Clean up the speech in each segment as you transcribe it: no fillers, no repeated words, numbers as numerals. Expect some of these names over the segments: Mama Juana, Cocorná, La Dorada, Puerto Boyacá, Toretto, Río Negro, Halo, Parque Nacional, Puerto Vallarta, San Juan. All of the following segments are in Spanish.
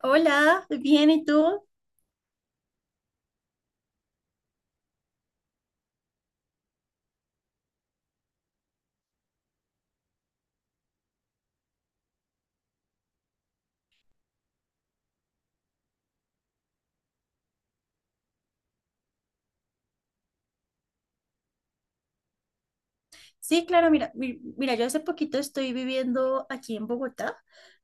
Hola, bien, ¿y tú? Sí, claro, mira, mira, yo hace poquito estoy viviendo aquí en Bogotá,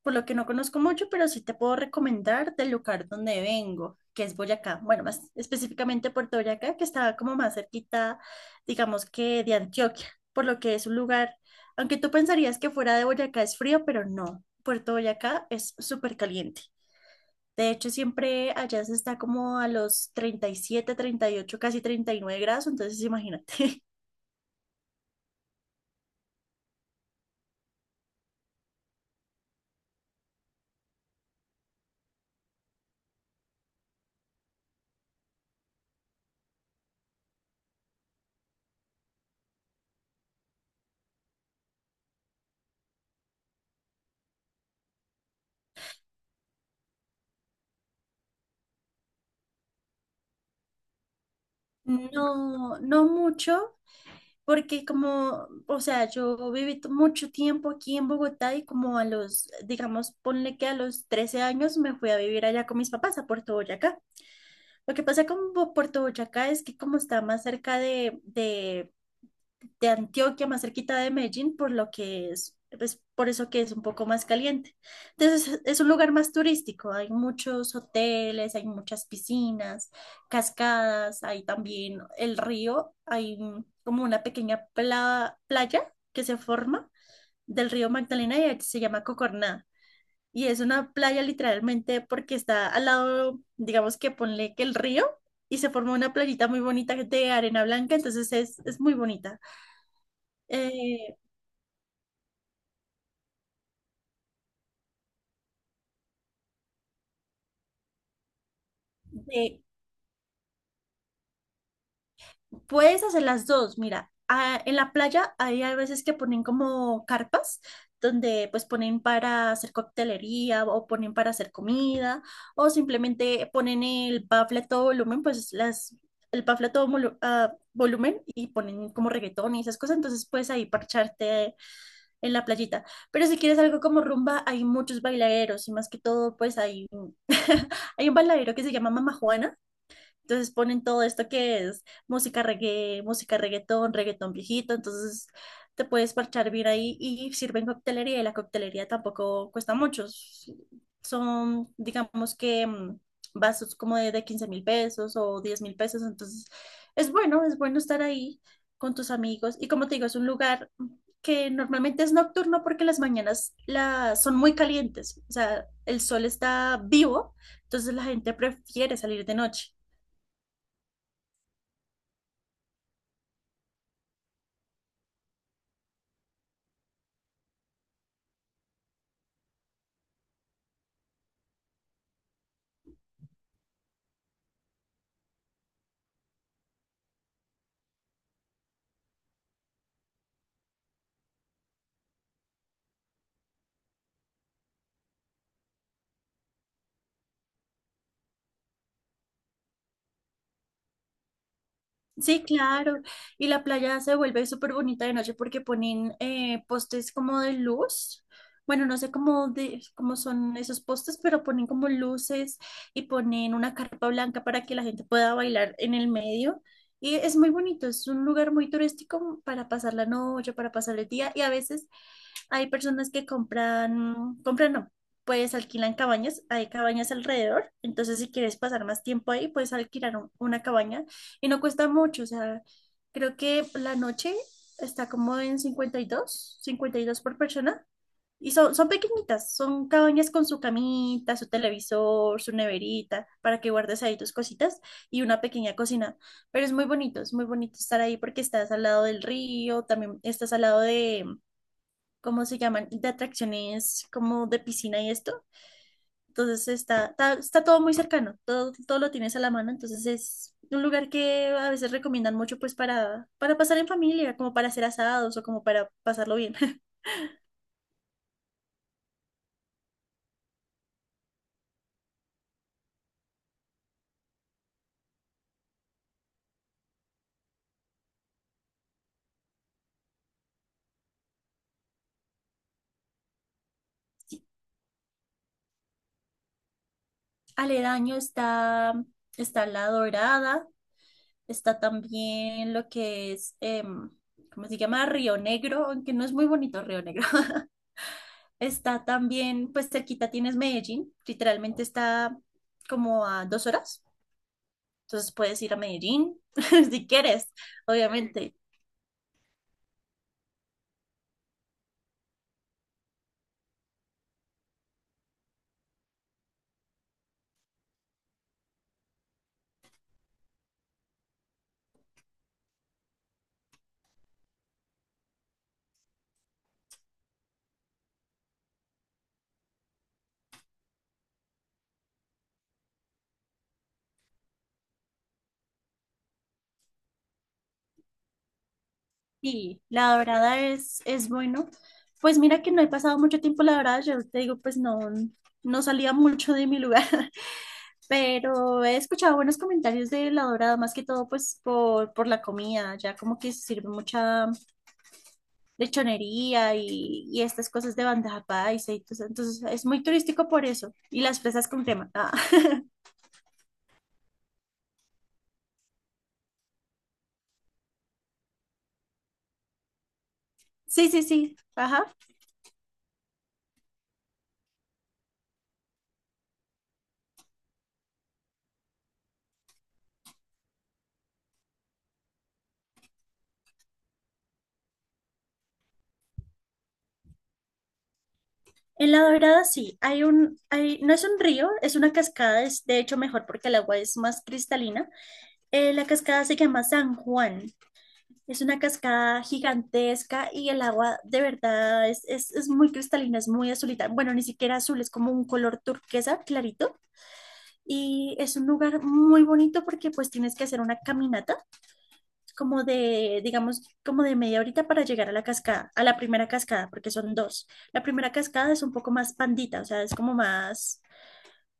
por lo que no conozco mucho, pero sí te puedo recomendar del lugar donde vengo, que es Boyacá, bueno, más específicamente Puerto Boyacá, que está como más cerquita, digamos que de Antioquia, por lo que es un lugar, aunque tú pensarías que fuera de Boyacá es frío, pero no, Puerto Boyacá es súper caliente. De hecho, siempre allá se está como a los 37, 38, casi 39 grados, entonces imagínate. No, no mucho, porque como, o sea, yo viví mucho tiempo aquí en Bogotá y como a los, digamos, ponle que a los 13 años me fui a vivir allá con mis papás a Puerto Boyacá. Lo que pasa con Puerto Boyacá es que como está más cerca de, Antioquia, más cerquita de Medellín, por lo que es, pues por eso que es un poco más caliente. Entonces es un lugar más turístico, hay muchos hoteles, hay muchas piscinas, cascadas, hay también el río, hay como una pequeña playa que se forma del río Magdalena y se llama Cocorná. Y es una playa literalmente porque está al lado, digamos que ponle que el río y se forma una playita muy bonita de arena blanca, entonces es muy bonita. Eh, de- puedes hacer las dos, mira, ah, en la playa hay a veces que ponen como carpas donde pues ponen para hacer coctelería o ponen para hacer comida o simplemente ponen el bafle a todo volumen, el bafle a todo a volumen y ponen como reggaetón y esas cosas, entonces puedes ahí parcharte en la playita. Pero si quieres algo como rumba, hay muchos bailaderos y más que todo pues hay, hay un bailadero que se llama Mama Juana. Entonces ponen todo esto que es música reggae, música reggaetón, reggaetón viejito, entonces te puedes parchar bien ahí y sirven coctelería y la coctelería tampoco cuesta mucho. Son, digamos que vasos como de, 15 mil pesos o 10.000 pesos, entonces es bueno estar ahí con tus amigos y como te digo, es un lugar que normalmente es nocturno porque las mañanas son muy calientes, o sea, el sol está vivo, entonces la gente prefiere salir de noche. Sí, claro. Y la playa se vuelve súper bonita de noche porque ponen postes como de luz. Bueno, no sé cómo, cómo son esos postes, pero ponen como luces y ponen una carpa blanca para que la gente pueda bailar en el medio. Y es muy bonito, es un lugar muy turístico para pasar la noche, para pasar el día. Y a veces hay personas que compran, compran no, pues alquilan cabañas, hay cabañas alrededor, entonces si quieres pasar más tiempo ahí, puedes alquilar una cabaña y no cuesta mucho, o sea, creo que la noche está como en cincuenta y dos por persona y son, pequeñitas, son cabañas con su camita, su televisor, su neverita, para que guardes ahí tus cositas y una pequeña cocina, pero es muy bonito estar ahí porque estás al lado del río, también estás al lado de ¿cómo se llaman? De atracciones como de piscina y esto. Entonces está todo muy cercano, todo lo tienes a la mano. Entonces es un lugar que a veces recomiendan mucho pues para, pasar en familia, como para hacer asados o como para pasarlo bien. Aledaño está La Dorada, está también lo que es, ¿cómo se llama? Río Negro, aunque no es muy bonito Río Negro. Está también, pues cerquita tienes Medellín, literalmente está como a 2 horas. Entonces puedes ir a Medellín si quieres, obviamente. Y La Dorada es, bueno. Pues mira que no he pasado mucho tiempo en La Dorada, yo te digo, pues no, no salía mucho de mi lugar, pero he escuchado buenos comentarios de La Dorada, más que todo pues por la comida, ya como que se sirve mucha lechonería y estas cosas de bandeja paisa y todo eso. Entonces es muy turístico por eso. Y las fresas con crema. Ah, Sí, sí, sí. Ajá. En La Dorada sí, hay un, hay, no es un río, es una cascada, es de hecho mejor porque el agua es más cristalina. La cascada se llama San Juan, es una cascada gigantesca y el agua de verdad es, muy cristalina, es muy azulita. Bueno, ni siquiera azul, es como un color turquesa clarito y es un lugar muy bonito porque pues tienes que hacer una caminata como de, digamos, como de media horita para llegar a la cascada, a la primera cascada, porque son dos. La primera cascada es un poco más pandita, o sea, es como más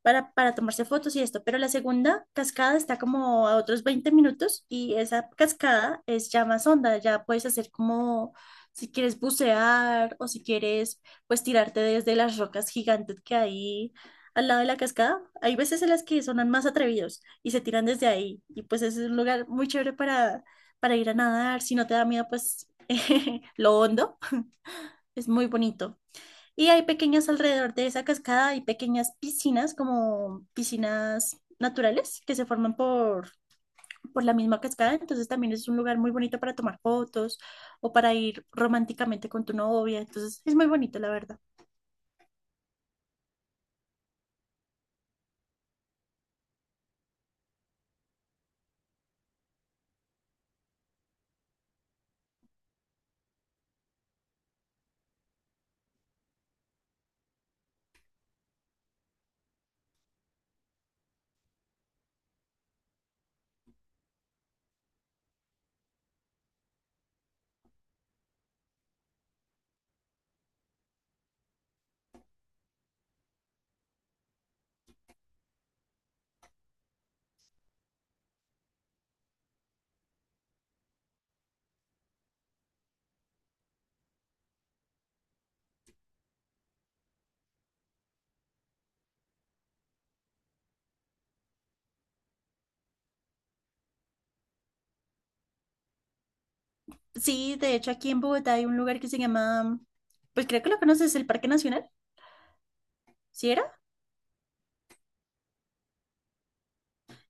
para tomarse fotos y esto, pero la segunda cascada está como a otros 20 minutos y esa cascada es ya más honda, ya puedes hacer como si quieres bucear o si quieres pues tirarte desde las rocas gigantes que hay al lado de la cascada. Hay veces en las que son más atrevidos y se tiran desde ahí y pues ese es un lugar muy chévere para, ir a nadar, si no te da miedo pues lo hondo, es muy bonito. Y hay pequeñas alrededor de esa cascada, hay pequeñas piscinas, como piscinas naturales que se forman por la misma cascada. Entonces también es un lugar muy bonito para tomar fotos o para ir románticamente con tu novia. Entonces es muy bonito, la verdad. Sí, de hecho aquí en Bogotá hay un lugar que se llama, pues creo que lo conoces, el Parque Nacional, ¿sí era?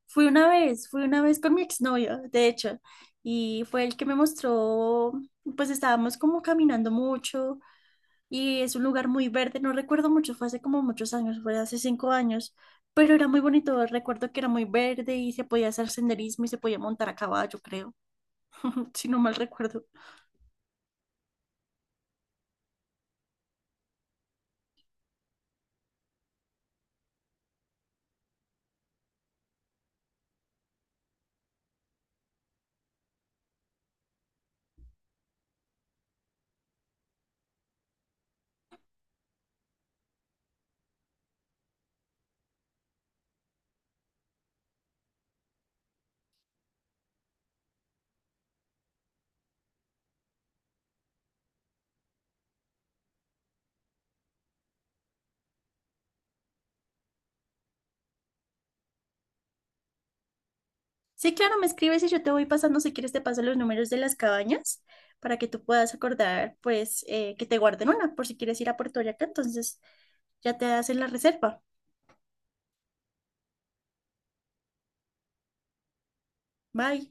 Fui una vez con mi exnovio, de hecho, y fue el que me mostró, pues estábamos como caminando mucho y es un lugar muy verde, no recuerdo mucho, fue hace como muchos años, fue hace 5 años, pero era muy bonito, recuerdo que era muy verde y se podía hacer senderismo y se podía montar a caballo, creo, si no mal recuerdo. Sí, claro, me escribes y yo te voy pasando, si quieres te paso los números de las cabañas para que tú puedas acordar, pues, que te guarden una por si quieres ir a Puerto Vallarta, entonces ya te hacen la reserva. Bye.